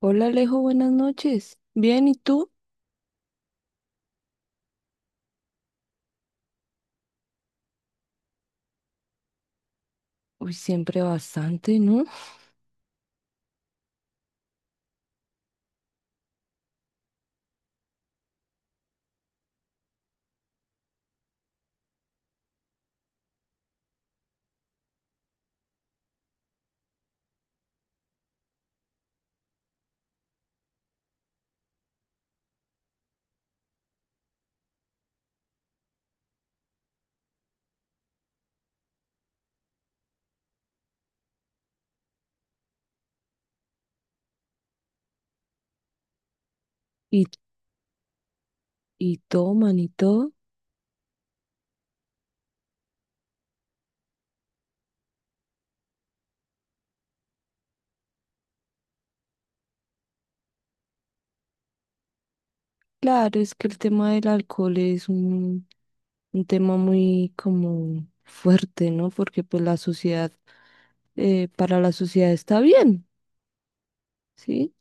Hola Alejo, buenas noches. Bien, ¿y tú? Uy, siempre bastante, ¿no? Y, y toman y todo. Claro, es que el tema del alcohol es un tema muy como fuerte, ¿no? Porque pues la sociedad, para la sociedad está bien, ¿sí?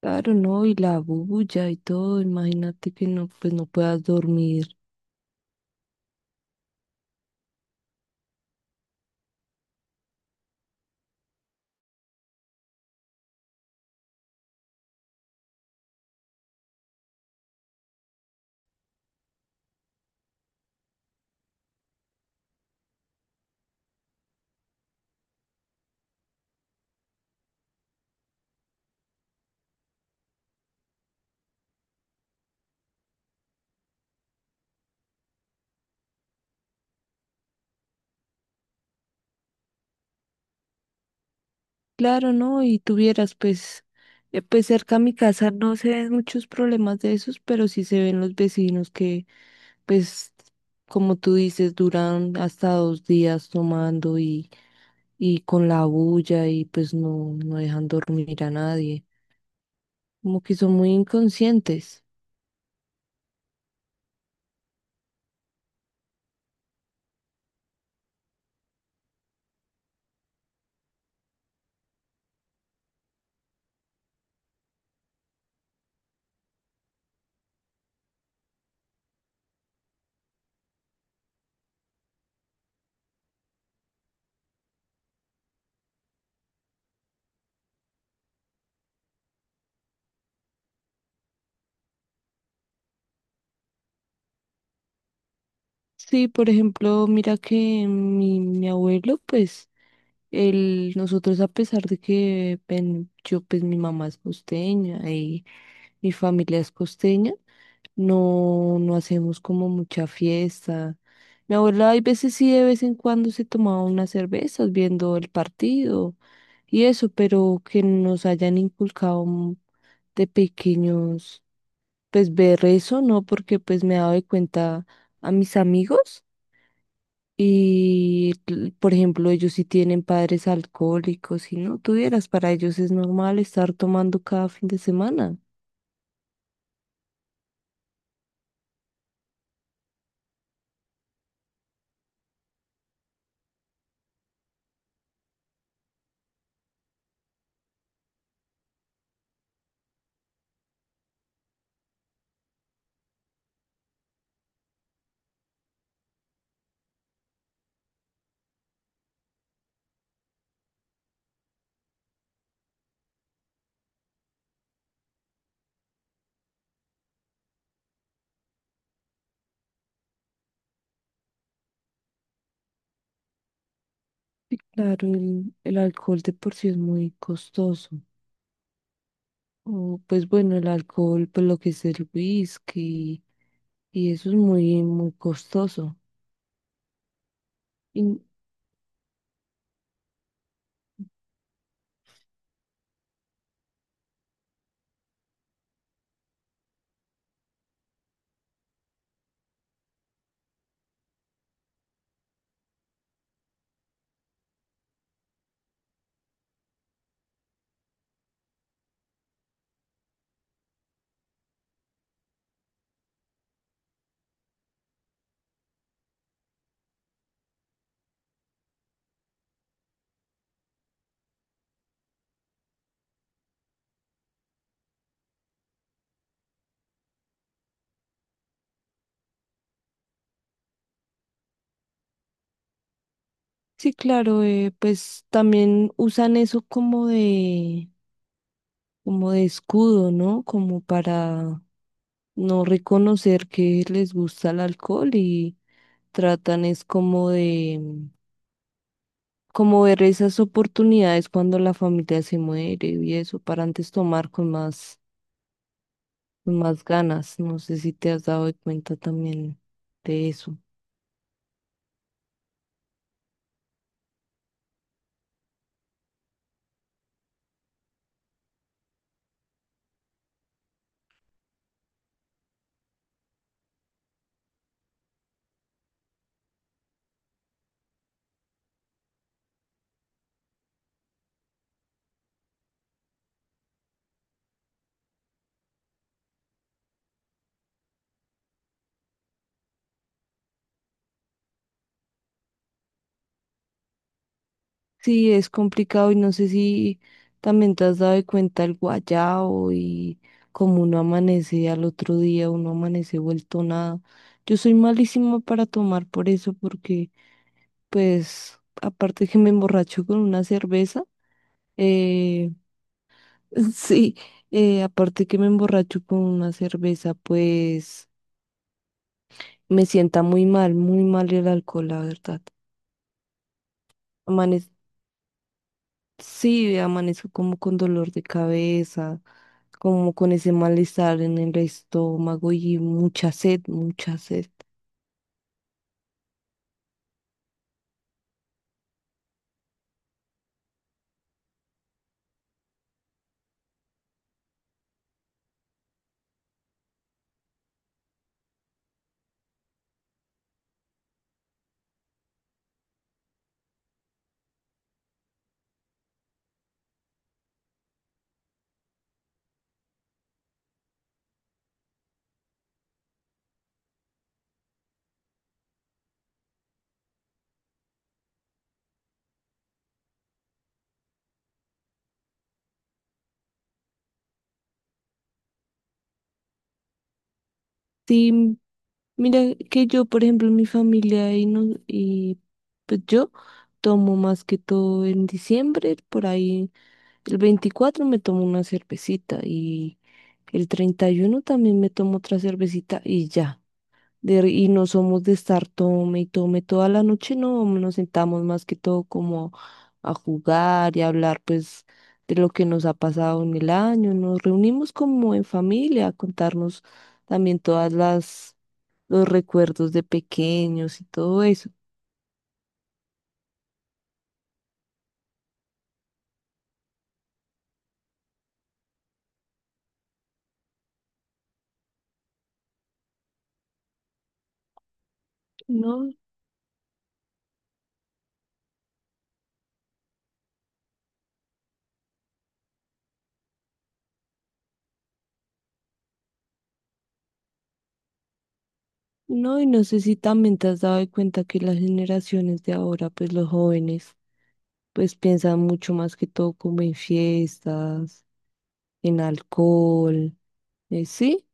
Claro, ¿no? Y la bulla y todo, imagínate que no, pues no puedas dormir. Claro, ¿no? Y tuvieras pues... Pues cerca a mi casa no se ven muchos problemas de esos, pero sí se ven los pues, como tú dices, duran hasta 2 días tomando, y con la bulla y pues no dejan dormir a nadie. Como que son muy inconscientes. Sí, por ejemplo, mira que mi abuelo, pues, él, nosotros a pesar de que yo, pues mi mamá es costeña y mi familia es costeña. No, no hacemos como mucha fiesta. Mi abuela hay veces sí, de vez en cuando se tomaba unas cervezas viendo el partido y eso, pero que nos hayan inculcado de pequeños, pues ver eso, ¿no? Porque pues me he dado de cuenta a mis amigos y, por ejemplo, ellos sí tienen padres alcohólicos y no tuvieras, para ellos es normal estar tomando cada fin de semana. Sí, claro, el alcohol de por sí es muy costoso. O, pues bueno, el alcohol, pues lo que es el whisky, y eso es muy costoso. Y sí, claro, pues también usan eso como como de escudo, ¿no? Como para no reconocer que les gusta el alcohol y tratan es como ver esas oportunidades cuando la familia se muere y eso, para antes tomar con más ganas. No sé si te has dado cuenta también de eso. Sí, es complicado y no sé si también te has dado cuenta el guayao y como uno amanece al otro día, uno amanece vuelto nada. Yo soy malísima para tomar por eso porque pues aparte que me emborracho con una cerveza, eh, sí, aparte que me emborracho con una cerveza, pues me sienta muy mal el alcohol, la verdad. Sí, amanezco como con dolor de cabeza, como con ese malestar en el estómago y mucha sed, mucha sed. Sí, mira que yo, por ejemplo, mi familia y, no, y pues yo tomo más que todo en diciembre, por ahí el 24 me tomo una cervecita y el 31 también me tomo otra cervecita y ya. Y no somos de estar tome y tome toda la noche, no, nos sentamos más que todo como a jugar y a hablar pues de lo que nos ha pasado en el año, nos reunimos como en familia a contarnos también todas las los recuerdos de pequeños y todo eso. No, no, y no sé si también te has dado de cuenta que las generaciones de ahora, pues los jóvenes, pues piensan mucho más que todo como en fiestas, en alcohol, sí.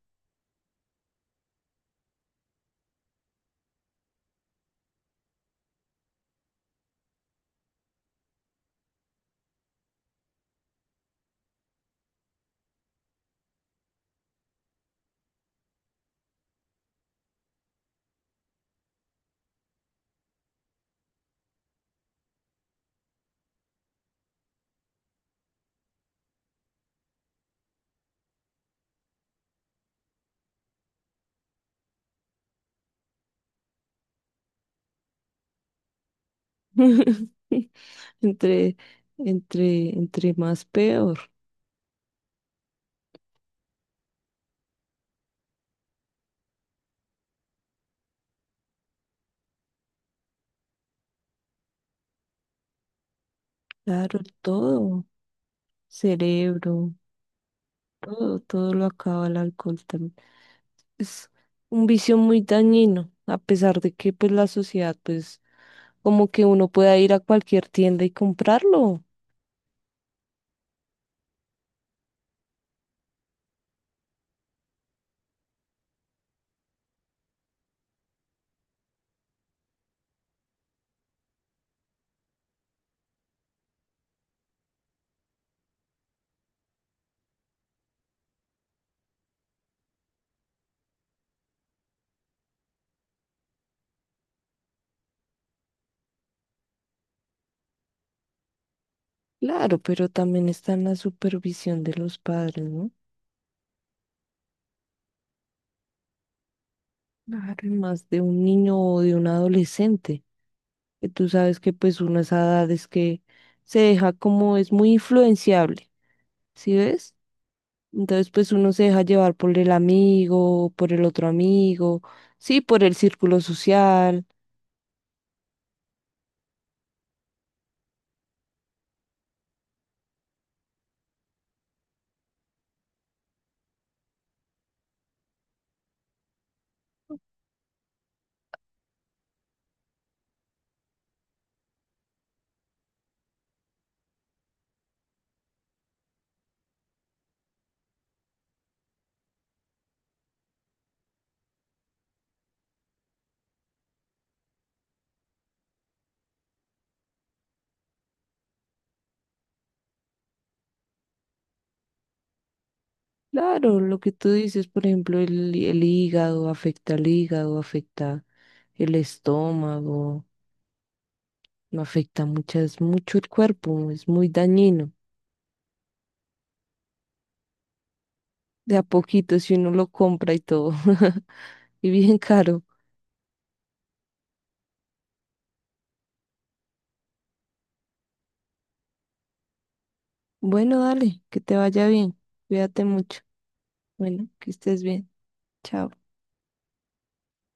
Entre, entre más peor. Claro, todo. Cerebro, todo, todo lo acaba el alcohol también. Es un vicio muy dañino, a pesar de que pues la sociedad, pues, como que uno pueda ir a cualquier tienda y comprarlo. Claro, pero también está en la supervisión de los padres, ¿no? Claro, y más de un niño o de un adolescente. Que tú sabes que pues uno a esa edad es que se deja, como es muy influenciable. ¿Sí ves? Entonces, pues uno se deja llevar por el amigo, por el otro amigo, sí, por el círculo social. Claro, lo que tú dices, por ejemplo, el hígado, afecta al hígado, afecta el estómago, no afecta mucho el cuerpo, es muy dañino. De a poquito, si uno lo compra y todo, y bien caro. Bueno, dale, que te vaya bien, cuídate mucho. Bueno, que estés bien. Chao.